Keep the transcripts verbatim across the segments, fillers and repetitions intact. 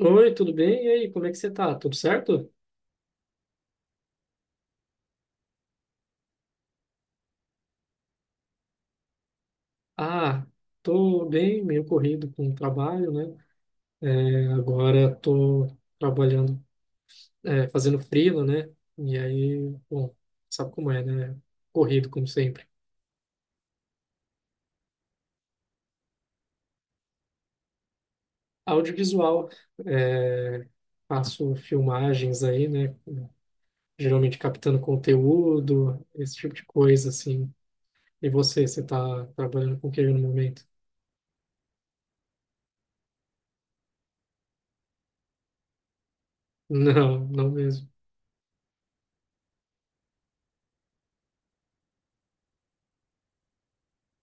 Oi, tudo bem? E aí, como é que você tá? Tudo certo? Ah, tô bem, meio corrido com o trabalho, né? É, agora tô trabalhando, é, fazendo freela, né? E aí, bom, sabe como é, né? Corrido, como sempre. Audiovisual, é, faço filmagens aí, né? Geralmente captando conteúdo, esse tipo de coisa, assim. E você, você tá trabalhando com o que no momento? Não, não mesmo.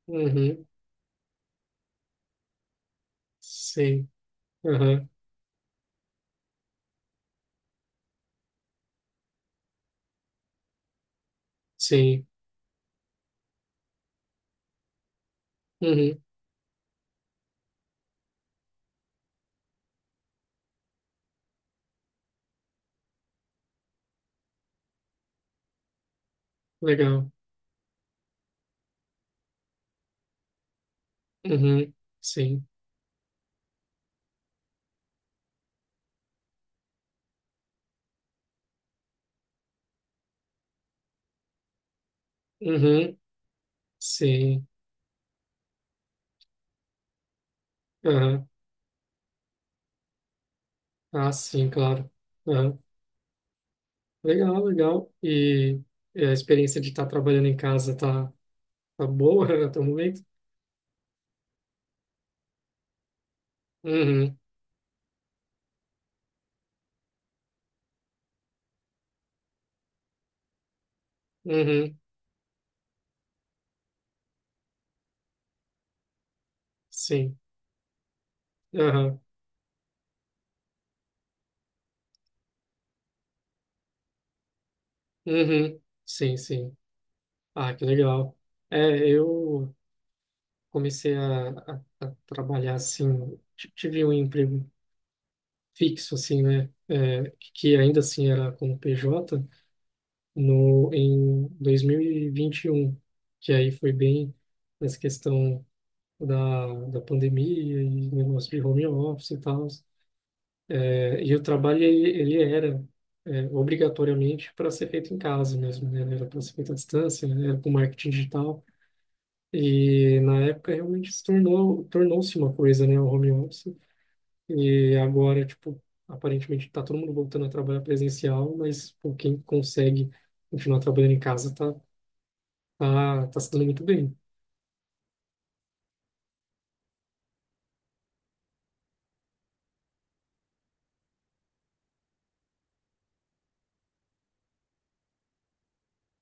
Uhum, sim. Aham, sim. Uhum, legal. Uhum, sim. Uhum, sim. Aham. Ah, sim, claro. Aham. Legal, legal. E e a experiência de estar trabalhando em casa tá, tá boa até o momento? Uhum, uhum, sim. Aham. Uhum, sim, sim. Ah, que legal. É, eu comecei a, a, a trabalhar assim, t- tive um emprego fixo, assim, né? É, que ainda assim era como P J. No, em dois mil e vinte e um, que aí foi bem nessa questão da, da pandemia e negócio de home office e tal. É, e o trabalho, ele, ele era é, obrigatoriamente para ser feito em casa mesmo, né? Era para ser feito à distância, né? Era com marketing digital. E na época realmente se tornou, tornou-se uma coisa, né? O home office. E agora, tipo, aparentemente está todo mundo voltando a trabalhar presencial, mas pô, quem consegue continuar trabalhando em casa tá, ah, tá se dando muito bem.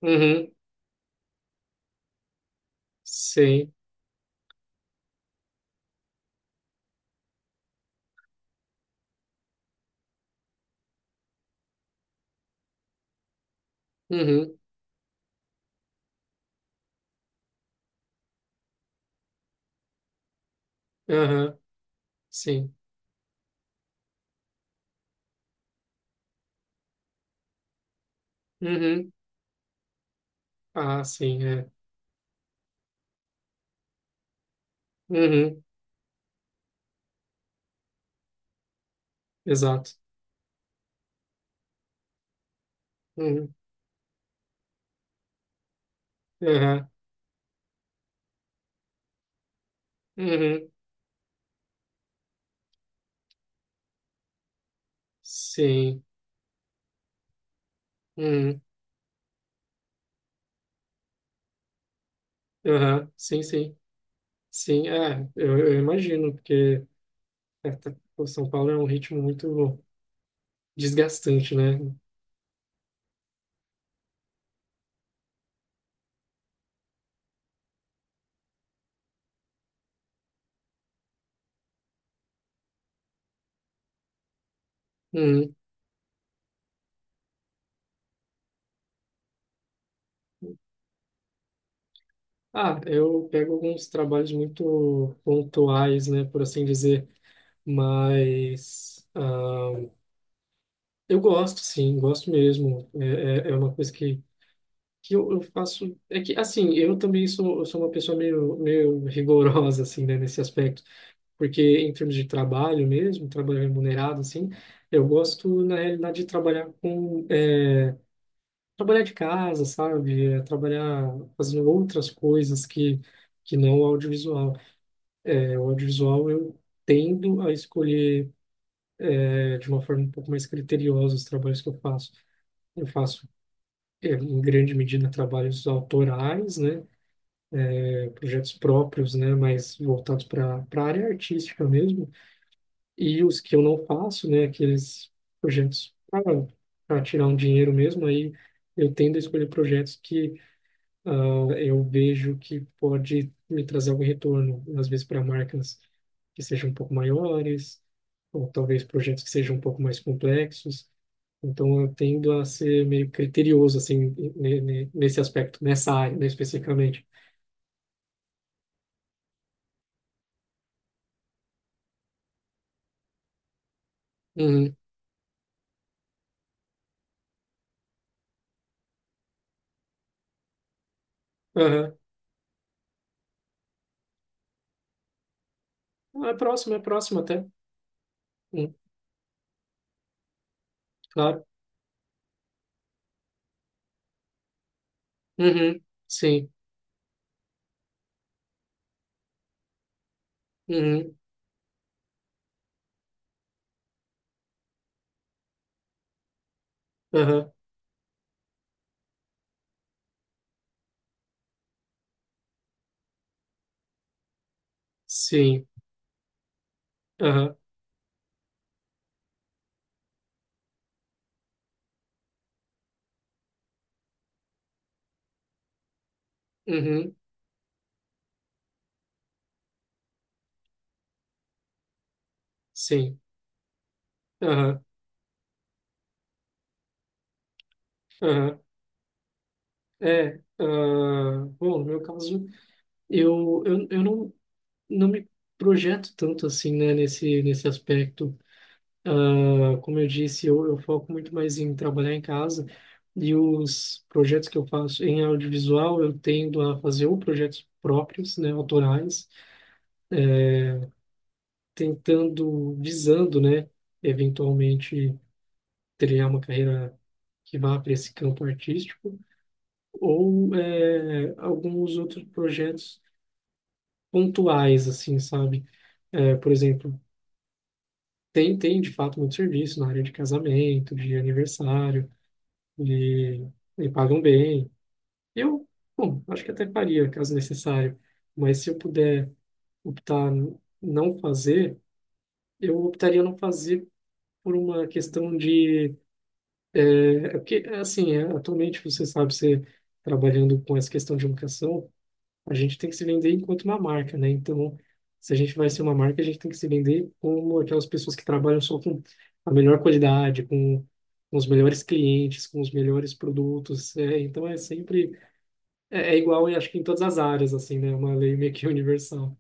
Uhum, sim. Uhum, aham, sim. Uhum, ah, sim, é. Uhum, exato. Uhum, aham, uhum, sim. Uhum, aham, sim, sim. Sim, é, eu, eu imagino, porque é, tá- o São Paulo é um ritmo muito desgastante, né? Uhum. Ah, eu pego alguns trabalhos muito pontuais, né, por assim dizer, mas... ah, eu gosto, sim, gosto mesmo. É, é, é uma coisa que, que eu, eu faço. É que, assim, eu também sou, eu sou uma pessoa meio, meio rigorosa, assim, né, nesse aspecto. Porque, em termos de trabalho mesmo, trabalho remunerado, assim, eu gosto, na realidade, de trabalhar com. é, trabalhar de casa, sabe? É, trabalhar fazendo outras coisas que, que não o audiovisual. É, o audiovisual, eu tendo a escolher, é, de uma forma um pouco mais criteriosa os trabalhos que eu faço. Eu faço é, em grande medida, trabalhos autorais, né? É, projetos próprios, né? Mas voltados para a área artística mesmo. E os que eu não faço, né? Aqueles projetos para tirar um dinheiro mesmo, aí eu tendo a escolher projetos que ah, eu vejo que pode me trazer algum retorno, às vezes para marcas que sejam um pouco maiores, ou talvez projetos que sejam um pouco mais complexos. Então, eu tendo a ser meio criterioso, assim, ne- ne- nesse aspecto, nessa área, né, especificamente. Uhum. Aham. Ah, é próximo, é próximo até. Hum, claro. Uhum. Sim. Uhum. Aham. Sim. Aham. Uhum. Sim. Aham. Aham. É. Ah, bom, no meu caso. Eu, eu, eu não, não me projeto tanto assim, né, nesse, nesse aspecto. Ah, como eu disse, eu, eu foco muito mais em trabalhar em casa e os projetos que eu faço em audiovisual, eu tendo a fazer ou projetos próprios, né, autorais, tentando, visando, né, eventualmente trilhar uma carreira que vá para esse campo artístico ou eh, alguns outros projetos pontuais, assim, sabe? Eh, por exemplo, tem, tem, de fato, muito serviço na área de casamento, de aniversário, e, e pagam bem. Eu, bom, acho que até faria, caso necessário. Mas se eu puder optar n- não fazer, eu optaria não fazer por uma questão de... É é porque, assim, é, atualmente, você sabe, você trabalhando com essa questão de educação, a gente tem que se vender enquanto uma marca, né? Então, se a gente vai ser uma marca, a gente tem que se vender como aquelas pessoas que trabalham só com a melhor qualidade, com, com os melhores clientes, com os melhores produtos. É, então, é sempre é, é igual, eu acho que em todas as áreas, assim, né? É uma lei meio que universal.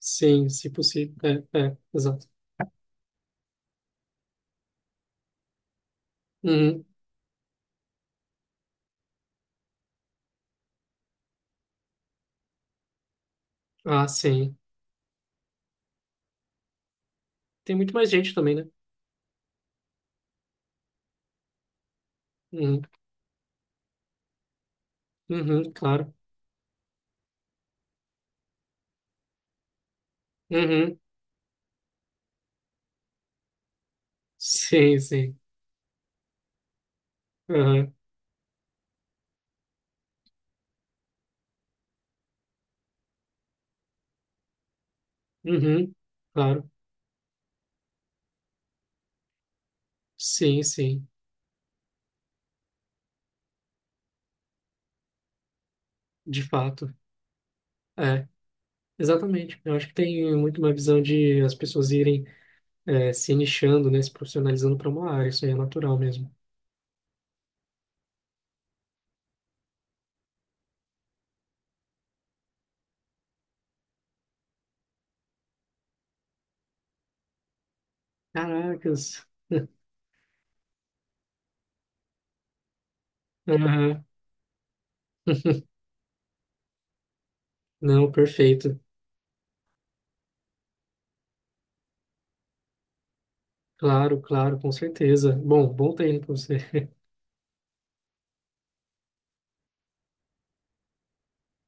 Sim, se possível. É, é, exato. Uhum. Ah, sim. Tem muito mais gente também, né? Uhum. Uhum, claro. Uhum. Sim, sim. Uhum. Uhum. Claro. Sim, sim. De fato. É. Exatamente. Eu acho que tem muito uma visão de as pessoas irem eh, se nichando, né, se profissionalizando para uma área. Isso aí é natural mesmo. Caracas. Aham. Não, perfeito. Claro, claro, com certeza. Bom, bom treino para você.